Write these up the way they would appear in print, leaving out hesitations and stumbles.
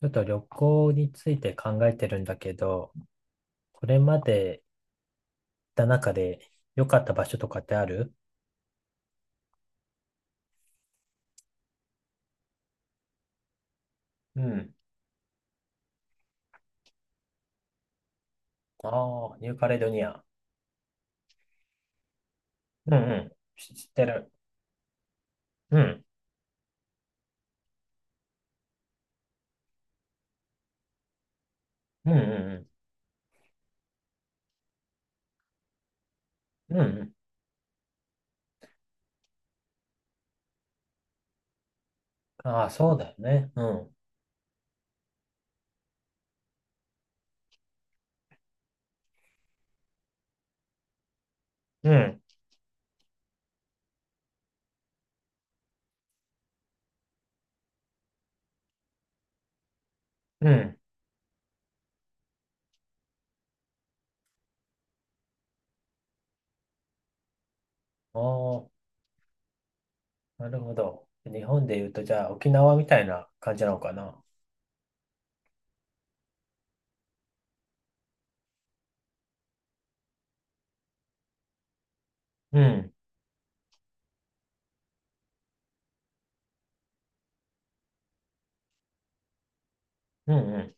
ちょっと旅行について考えてるんだけど、これまで行った中で良かった場所とかってある？うん。ああ、ニューカレドニア。うんうん。知ってる。うん。うんうんうん。うんうん。ああ、そうだよね。うん。うん。うん。ああ、なるほど。日本で言うと、じゃあ沖縄みたいな感じなのかな。うん。うんうん。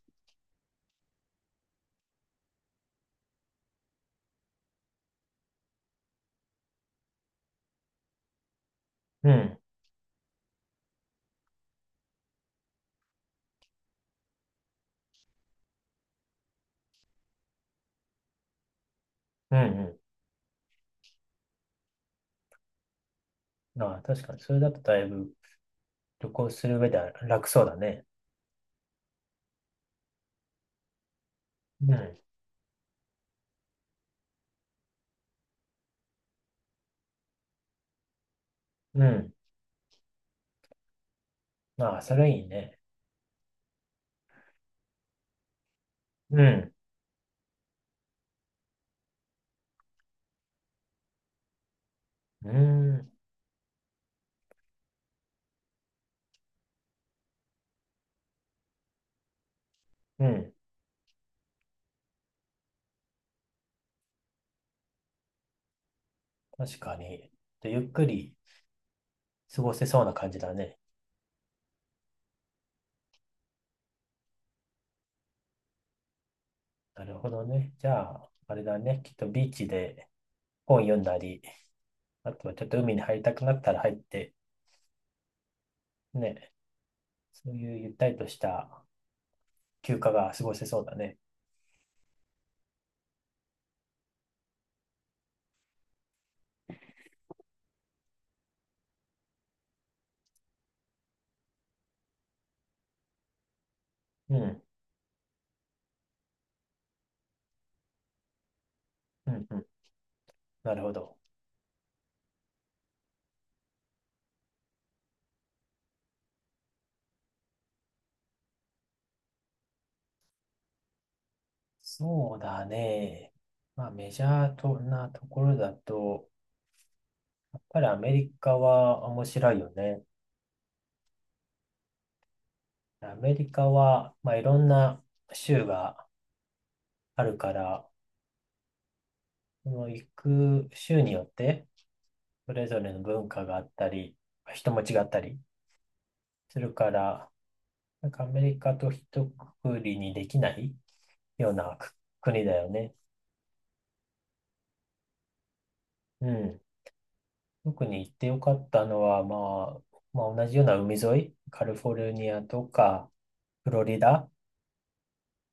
うん。うんうん。ああ、確かに、それだとだいぶ旅行する上では楽そうだね。うん。うん。まあ、それいいね。うん。うん。うん。確かに。で、ゆっくり過ごせそうな感じだね。なるほどね。じゃあ、あれだね。きっとビーチで本読んだり、あとはちょっと海に入りたくなったら入って、ね。そういうゆったりとした休暇が過ごせそうだね。うん。うん。うん。なるほど。そうだね。まあ、メジャーとなところだと、やっぱりアメリカは面白いよね。アメリカは、まあ、いろんな州があるから、その行く州によって、それぞれの文化があったり、人も違ったりするから、なんかアメリカと一括りにできないような国だよね。うん。特に行ってよかったのは、まあ、まあ、同じような海沿い、カリフォルニアとか、フロリダ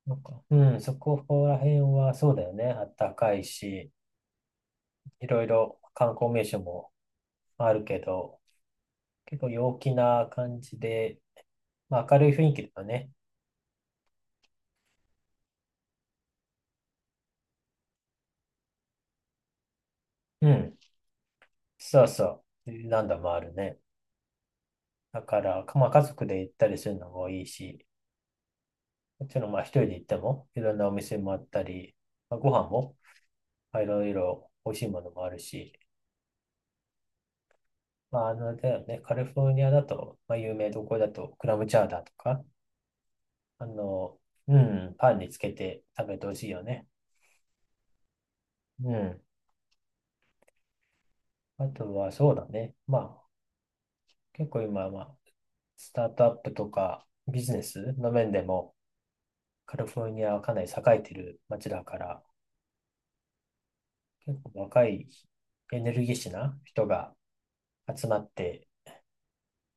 とか、うん、そこら辺はそうだよね。あったかいし、いろいろ観光名所もあるけど、結構陽気な感じで、まあ、明るい雰囲気だよね。うん。そうそう。何度もあるね。だから、まあ、家族で行ったりするのもいいし、もちろんまあ一人で行ってもいろんなお店もあったり、まあ、ご飯もまあいろいろ美味しいものもあるし、まあ、あの、だよね、カリフォルニアだと、まあ、有名どころだとクラムチャウダーとか、あの、うん、パンにつけて食べてほしいよね。うん。あとはそうだね。まあ、結構今、まあ、スタートアップとかビジネスの面でもカリフォルニアはかなり栄えてる街だから、結構若いエネルギッシュな人が集まって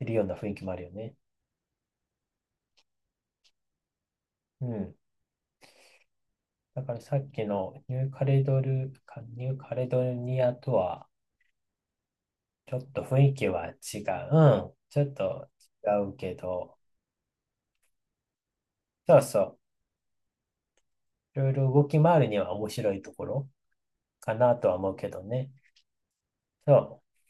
いるような雰囲気もあるよね。うん。だからさっきのニューカレドニアとはちょっと雰囲気は違う。うん。ちょっと違うけど、そうそう。いろいろ動き回るには面白いところかなとは思うけどね。そう。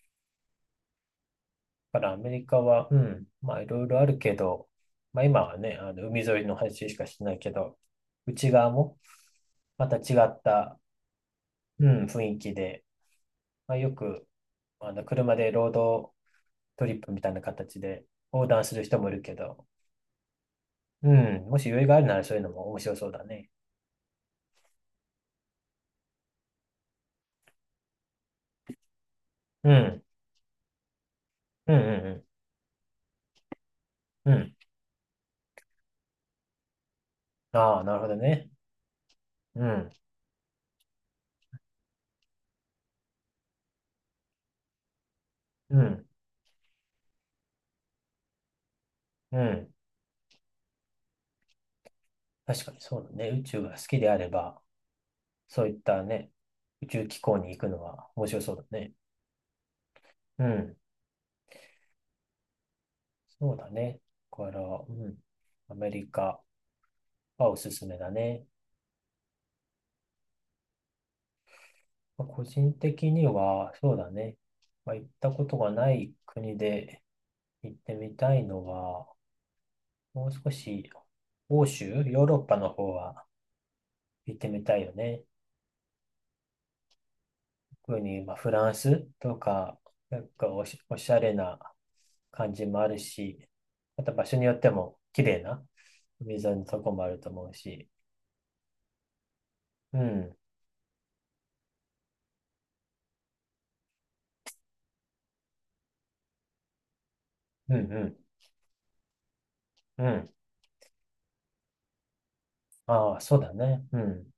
だからアメリカは、うん。まあいろいろあるけど、まあ今はね、あの海沿いの話しかしてないけど、内側もまた違ったうん、雰囲気で、まあ、よく、あの、車でロードトリップみたいな形で横断する人もいるけど、うん、もし余裕があるならそういうのも面白そうだね。うん、うん、うん、うん。うんああ、なるほどね。うん、うん、うん。確かにそうだね。宇宙が好きであれば、そういったね、宇宙機構に行くのは面白そうだね。うん、そうだね。だから、うん、アメリカはおすすめだね。まあ個人的には、そうだね。まあ、行ったことがない国で行ってみたいのは、もう少し欧州、ヨーロッパの方は行ってみたいよね。特に、まあ、フランスとか、おしゃれな感じもあるし、また場所によっても綺麗な海沿いのとこもあると思うし、うん、うん、うん、うん。ああ、そうだね。うん、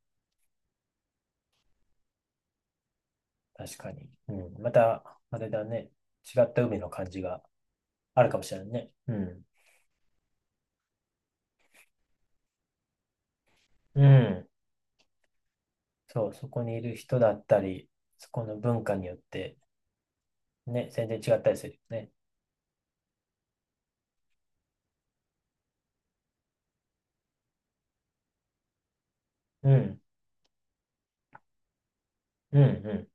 確かに。うん、また、あれだね。違った海の感じがあるかもしれないね。うん。うん。そう、そこにいる人だったり、そこの文化によって、ね、全然違ったりするよね。うん。うん、う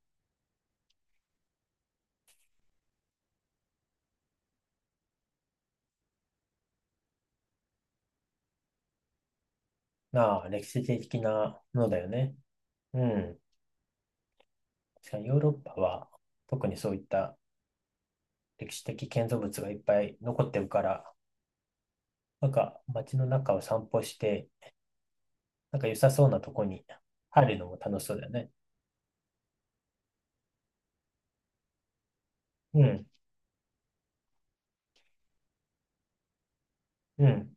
ん。ああ、歴史的なものだよね。うん。確かにヨーロッパは、特にそういった歴史的建造物がいっぱい残ってるから、なんか街の中を散歩して、なんか良さそうなとこに入るのも楽しそうだよね。うん、うん、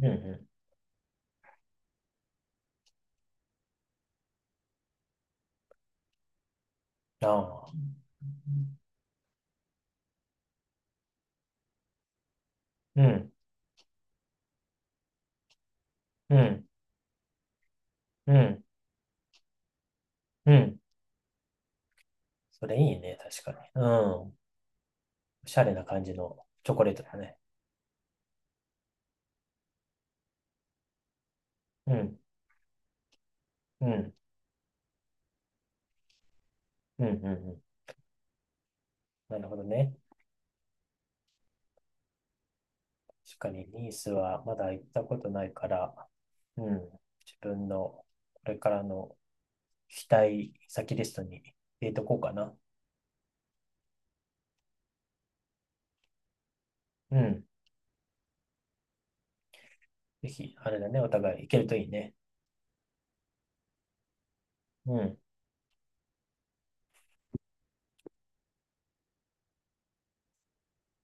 うん、うん。ああ、うん、うん、うん、うん。うんそれいいね、確かに。うん。おしゃれな感じのチョコレートだね。うん、うん、うん、うん、うん。なるほどね。確かに、ニースはまだ行ったことないから、うん。自分のこれからの期待先リストに入れとこうかな。うん。ぜひ、あれだね、お互い行けるといいね。うん。